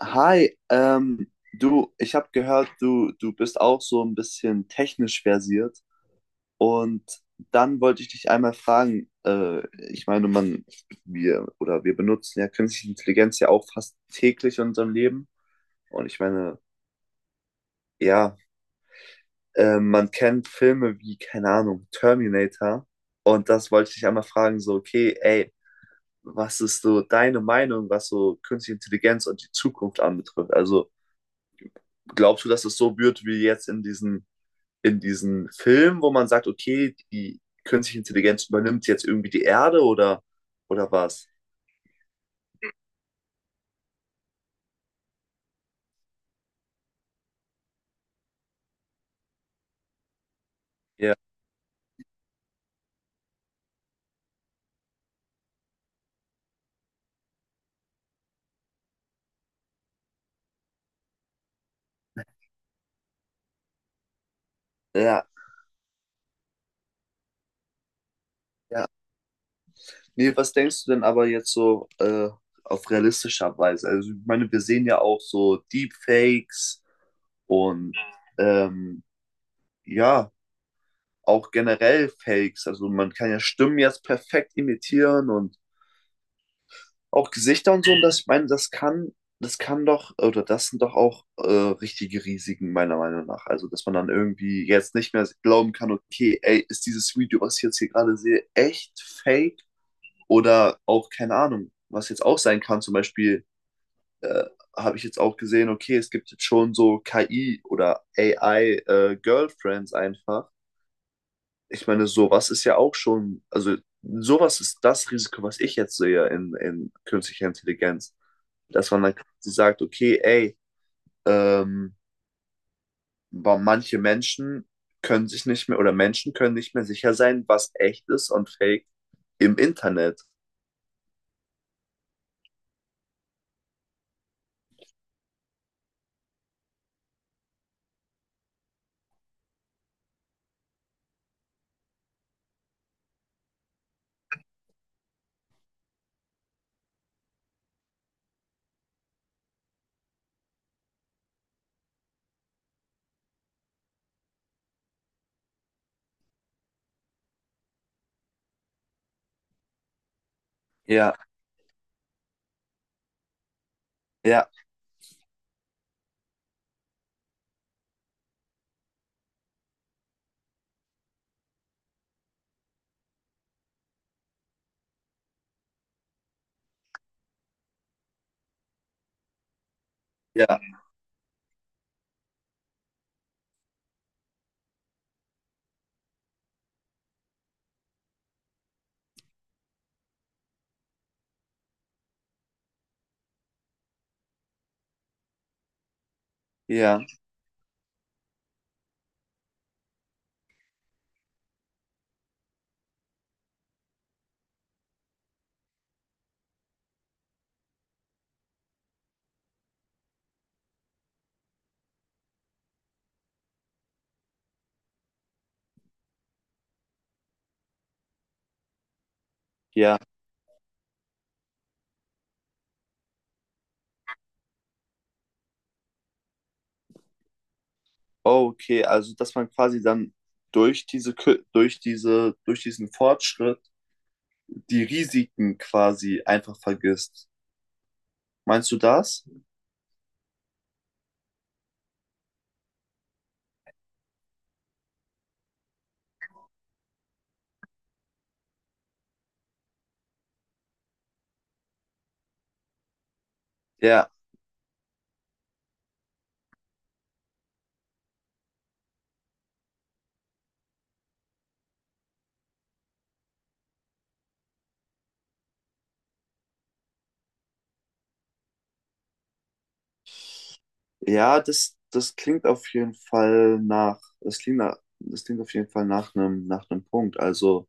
Hi, du, ich habe gehört, du bist auch so ein bisschen technisch versiert. Und dann wollte ich dich einmal fragen, ich meine, wir benutzen ja künstliche Intelligenz ja auch fast täglich in unserem Leben. Und ich meine, ja, man kennt Filme wie, keine Ahnung, Terminator. Und das wollte ich dich einmal fragen, so, okay, ey, was ist so deine Meinung, was so künstliche Intelligenz und die Zukunft anbetrifft? Also, glaubst du, dass es so wird wie jetzt in diesen Film, wo man sagt, okay, die künstliche Intelligenz übernimmt jetzt irgendwie die Erde oder was? Ja, ja, ja. Nee, was denkst du denn aber jetzt so auf realistischer Weise? Also, ich meine, wir sehen ja auch so Deepfakes und ähm, ja, auch generell Fakes. Also, man kann ja Stimmen jetzt perfekt imitieren und auch Gesichter und so. Und das, ich meine, das kann doch, oder das sind doch auch richtige Risiken, meiner Meinung nach. Also, dass man dann irgendwie jetzt nicht mehr glauben kann, okay, ey, ist dieses Video, was ich jetzt hier gerade sehe, echt fake? Oder auch, keine Ahnung, was jetzt auch sein kann, zum Beispiel, äh, habe ich jetzt auch gesehen, okay, es gibt jetzt schon so KI oder AI-Girlfriends einfach. Ich meine, sowas ist ja auch schon, also sowas ist das Risiko, was ich jetzt sehe in künstlicher Intelligenz, dass man dann quasi sagt, okay, ey, ähm, boah, manche Menschen können sich nicht mehr oder Menschen können nicht mehr sicher sein, was echt ist und fake im Internet. Ja, ja, ja, ja, ja. Oh, okay, also dass man quasi dann durch diesen Fortschritt die Risiken quasi einfach vergisst. Meinst du das? Ja, ja, das klingt auf jeden Fall nach einem Punkt. Also,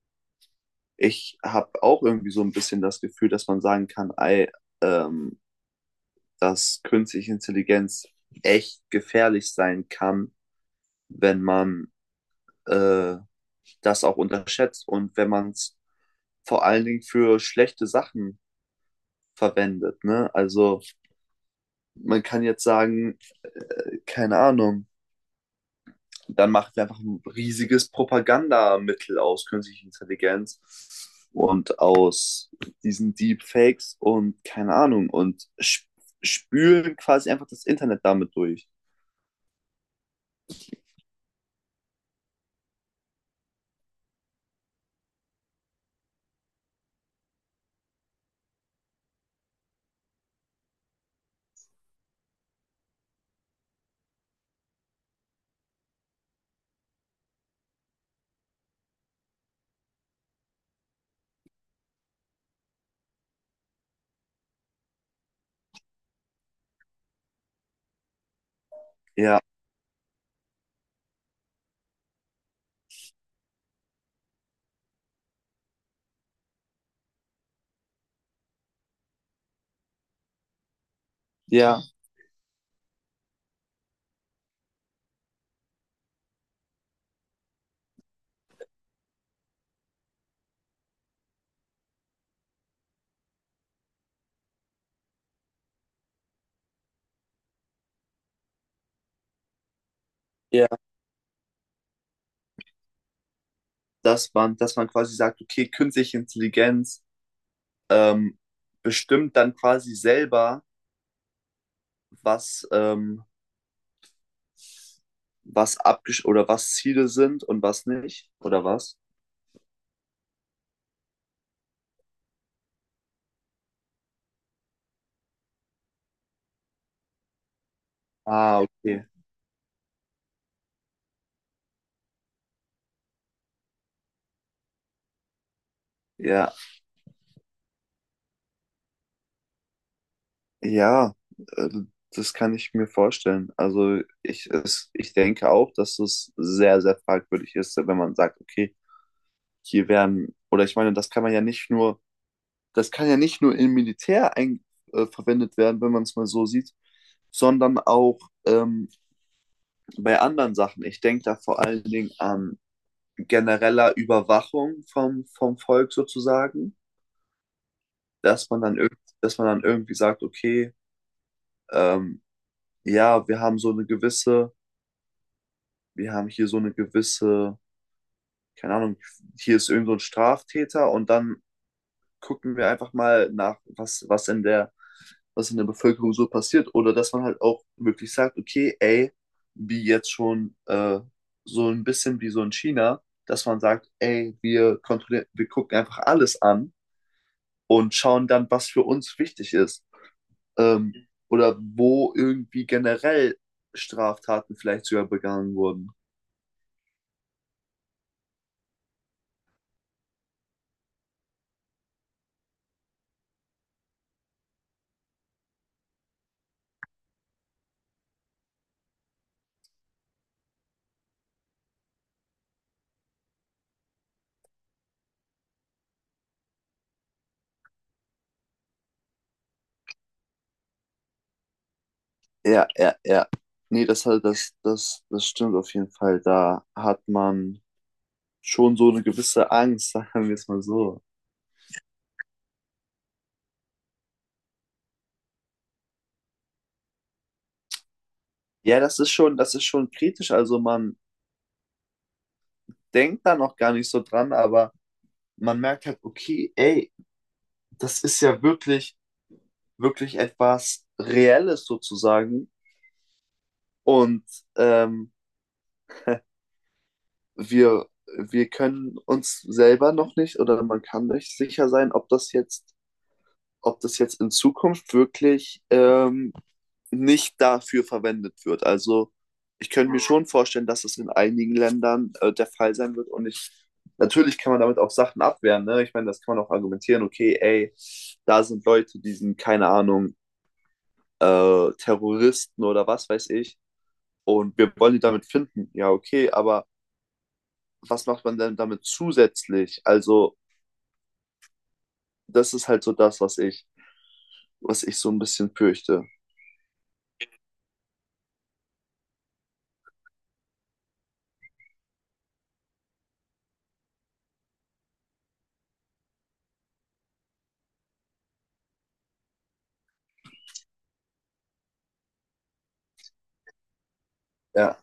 ich habe auch irgendwie so ein bisschen das Gefühl, dass man sagen kann, ey, ähm, dass künstliche Intelligenz echt gefährlich sein kann, wenn man äh, das auch unterschätzt und wenn man es vor allen Dingen für schlechte Sachen verwendet. Ne? Also man kann jetzt sagen, keine Ahnung, dann machen wir einfach ein riesiges Propagandamittel aus künstlicher Intelligenz und aus diesen Deepfakes und keine Ahnung und sp spülen quasi einfach das Internet damit durch. Ja, ja, ja, dass man quasi sagt, okay, künstliche Intelligenz, ähm, bestimmt dann quasi selber, was, was abgesch oder was Ziele sind und was nicht, oder was? Ah, okay. Ja, ja, äh, das kann ich mir vorstellen. Also ich denke auch, dass es sehr, sehr fragwürdig ist, wenn man sagt, okay, oder ich meine, das kann ja nicht nur im Militär verwendet werden, wenn man es mal so sieht, sondern auch ähm, bei anderen Sachen. Ich denke da vor allen Dingen an genereller Überwachung vom Volk sozusagen, dass man dann irgendwie sagt, okay, ähm, ja, wir haben hier so eine gewisse, keine Ahnung, hier ist irgend so ein Straftäter und dann gucken wir einfach mal nach, was in der Bevölkerung so passiert. Oder dass man halt auch wirklich sagt, okay, ey, wie jetzt schon so ein bisschen wie so in China, dass man sagt, ey, wir kontrollieren, wir gucken einfach alles an und schauen dann, was für uns wichtig ist. Ähm, oder wo irgendwie generell Straftaten vielleicht sogar begangen wurden. Ja, ja, ja. Nee, halt das stimmt auf jeden Fall. Da hat man schon so eine gewisse Angst, sagen wir es mal so. Ja, das ist schon kritisch. Also man denkt da noch gar nicht so dran, aber man merkt halt, okay, ey, das ist ja wirklich, wirklich etwas Reelles sozusagen. Und ähm, wir, wir können uns selber noch nicht oder man kann nicht sicher sein, ob das jetzt in Zukunft wirklich nicht dafür verwendet wird. Also ich könnte mir schon vorstellen, dass es in einigen Ländern der Fall sein wird. Natürlich kann man damit auch Sachen abwehren. Ne? Ich meine, das kann man auch argumentieren, okay, ey, da sind Leute, die sind, keine Ahnung, Terroristen oder was weiß ich. Und wir wollen die damit finden. Ja, okay, aber was macht man denn damit zusätzlich? Also, das ist halt so das, was ich so ein bisschen fürchte. Ja.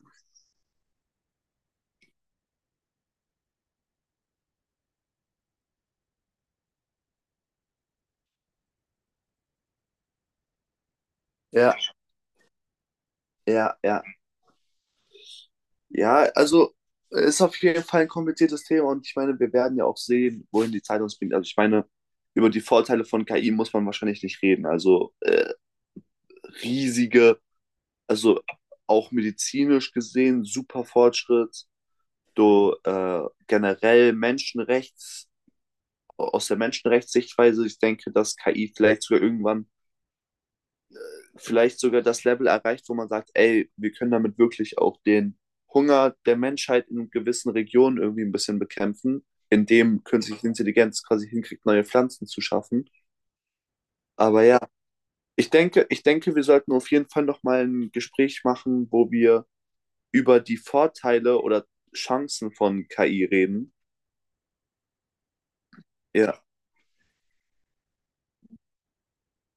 Ja, ja, ja. Ja, also ist auf jeden Fall ein kompliziertes Thema und ich meine, wir werden ja auch sehen, wohin die Zeit uns bringt. Also ich meine, über die Vorteile von KI muss man wahrscheinlich nicht reden. Also riesige, also auch medizinisch gesehen, super Fortschritt. Du generell Menschenrechts, aus der Menschenrechtssichtweise, ich denke, dass KI vielleicht sogar irgendwann vielleicht sogar das Level erreicht, wo man sagt, ey, wir können damit wirklich auch den Hunger der Menschheit in gewissen Regionen irgendwie ein bisschen bekämpfen, indem künstliche Intelligenz quasi hinkriegt, neue Pflanzen zu schaffen. Aber ja, ich denke, wir sollten auf jeden Fall nochmal ein Gespräch machen, wo wir über die Vorteile oder Chancen von KI reden. Ja,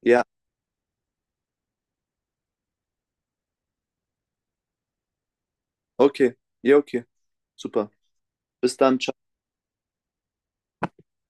ja, okay, ja, okay, super. Bis dann, ciao.